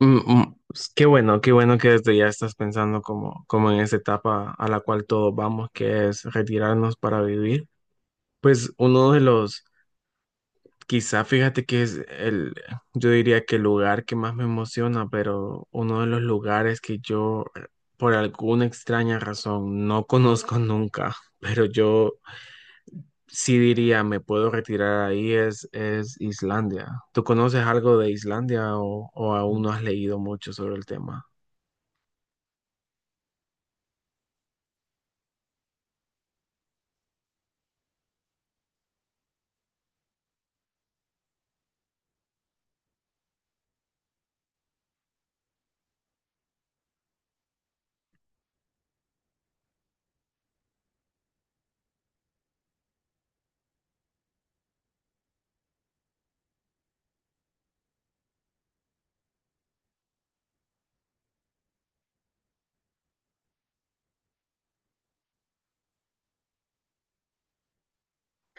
Pues, qué bueno, qué bueno que desde ya estás pensando como en esa etapa a la cual todos vamos, que es retirarnos para vivir. Pues uno de los, quizá fíjate que es el, yo diría que el lugar que más me emociona, pero uno de los lugares que yo por alguna extraña razón no conozco nunca, pero yo sí diría me puedo retirar ahí es Islandia. ¿Tú conoces algo de Islandia o aún no has leído mucho sobre el tema?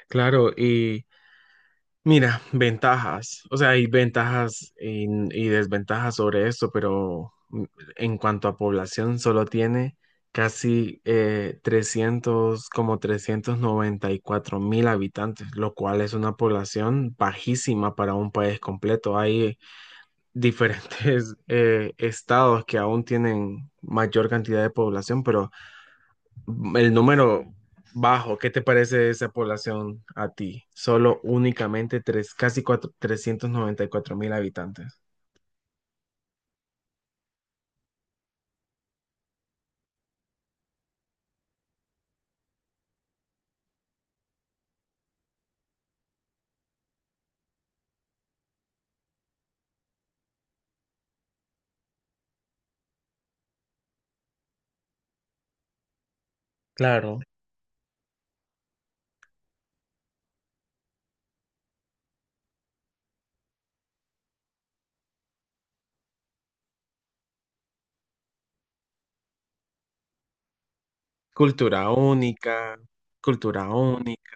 Claro, y mira, ventajas, o sea, hay ventajas y desventajas sobre esto, pero en cuanto a población, solo tiene casi 300, como 394.000 habitantes, lo cual es una población bajísima para un país completo. Hay diferentes estados que aún tienen mayor cantidad de población, pero el número bajo, ¿qué te parece esa población a ti? Solo únicamente tres, casi cuatro, 394.000 habitantes. Claro. Cultura única, cultura única,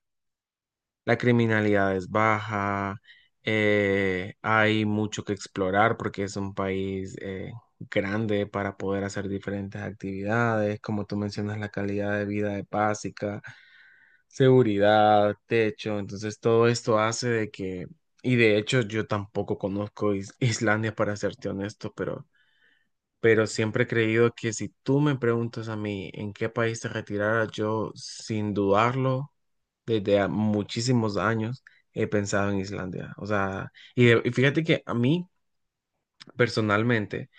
la criminalidad es baja, hay mucho que explorar porque es un país grande para poder hacer diferentes actividades, como tú mencionas, la calidad de vida es básica. Seguridad, techo, entonces todo esto hace de que, y de hecho yo tampoco conozco Islandia para serte honesto, pero siempre he creído que si tú me preguntas a mí en qué país te retirara, yo sin dudarlo, desde muchísimos años he pensado en Islandia, o sea, y fíjate que a mí personalmente,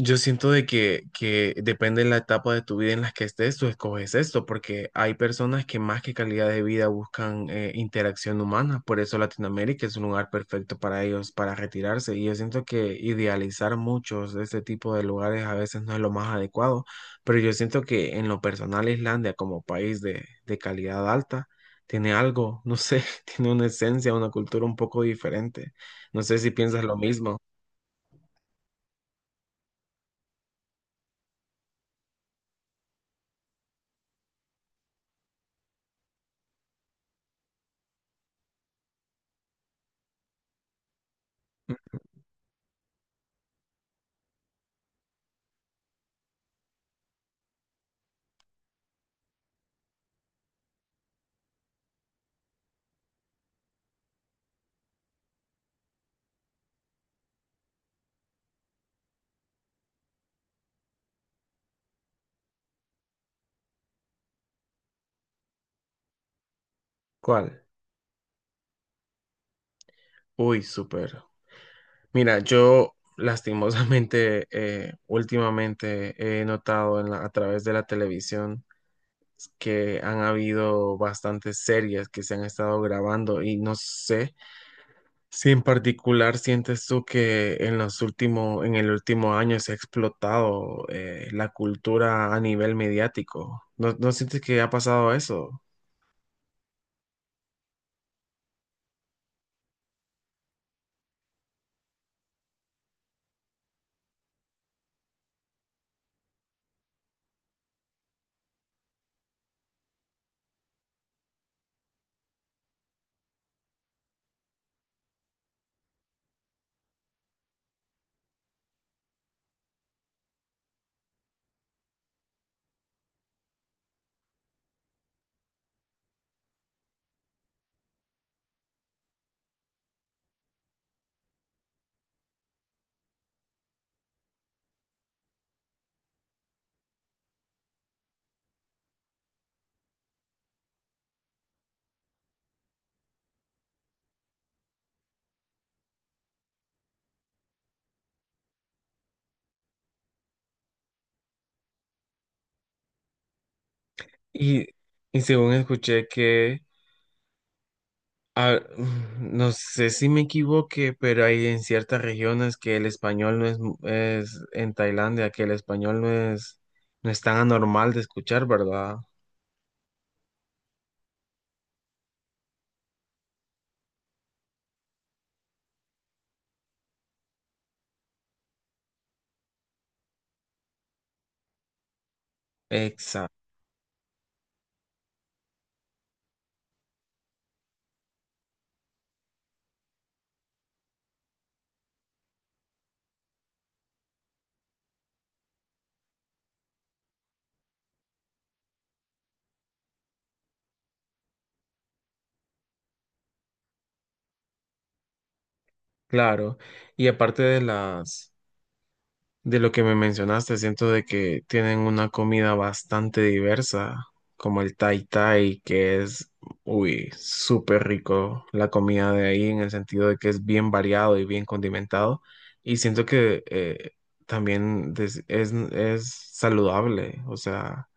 yo siento de que depende de la etapa de tu vida en la que estés, tú escoges esto, porque hay personas que más que calidad de vida buscan interacción humana, por eso Latinoamérica es un lugar perfecto para ellos, para retirarse, y yo siento que idealizar muchos de este tipo de lugares a veces no es lo más adecuado, pero yo siento que en lo personal Islandia como país de calidad alta tiene algo, no sé, tiene una esencia, una cultura un poco diferente, no sé si piensas lo mismo. ¿Cuál? Uy, súper. Mira, yo lastimosamente últimamente he notado en a través de la televisión que han habido bastantes series que se han estado grabando y no sé si en particular sientes tú que en los últimos, en el último año se ha explotado la cultura a nivel mediático. ¿No, no sientes que ha pasado eso? Y, y según escuché que... Ah, no sé si me equivoqué, pero hay en ciertas regiones que el español no es, es en Tailandia, que el español no es tan anormal de escuchar, ¿verdad? Exacto, claro. Y aparte de las, de lo que me mencionaste, siento de que tienen una comida bastante diversa, como el tai tai, que es, uy, súper rico la comida de ahí, en el sentido de que es bien variado y bien condimentado. Y siento que también es saludable, o sea,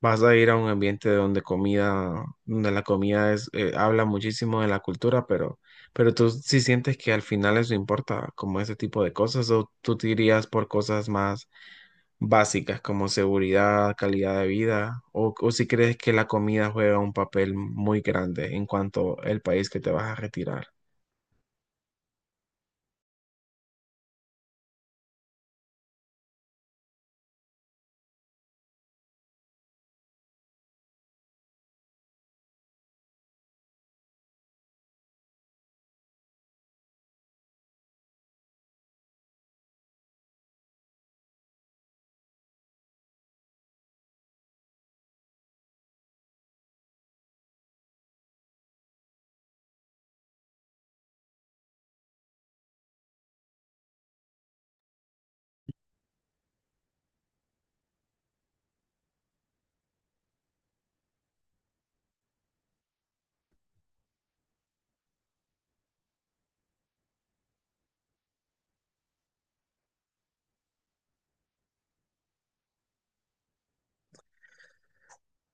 vas a ir a un ambiente donde comida, donde la comida es, habla muchísimo de la cultura, pero tú sí sientes que al final eso importa, como ese tipo de cosas, o tú te irías por cosas más básicas como seguridad, calidad de vida, o si crees que la comida juega un papel muy grande en cuanto al país que te vas a retirar.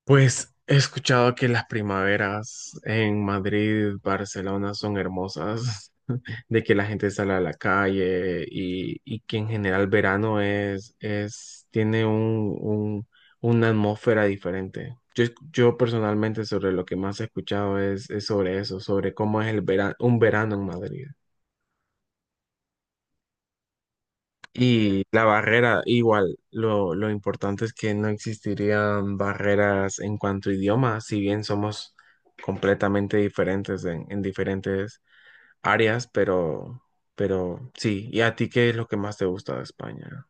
Pues he escuchado que las primaveras en Madrid, Barcelona son hermosas. De que la gente sale a la calle y que en general verano tiene una atmósfera diferente. Yo personalmente sobre lo que más he escuchado es sobre eso, sobre cómo es el verano, un verano en Madrid. Y la barrera, igual, lo importante es que no existirían barreras en cuanto a idioma, si bien somos completamente diferentes en diferentes áreas, pero sí. ¿Y a ti qué es lo que más te gusta de España?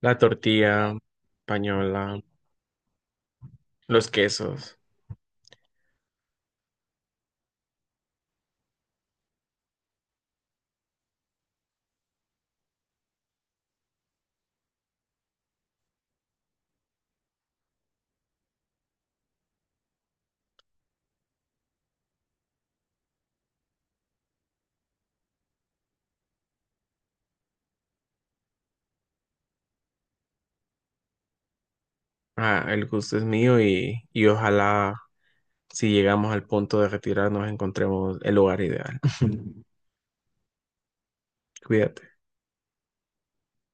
La tortilla española, los quesos. Ah, el gusto es mío y ojalá si llegamos al punto de retirarnos encontremos el lugar ideal. Cuídate.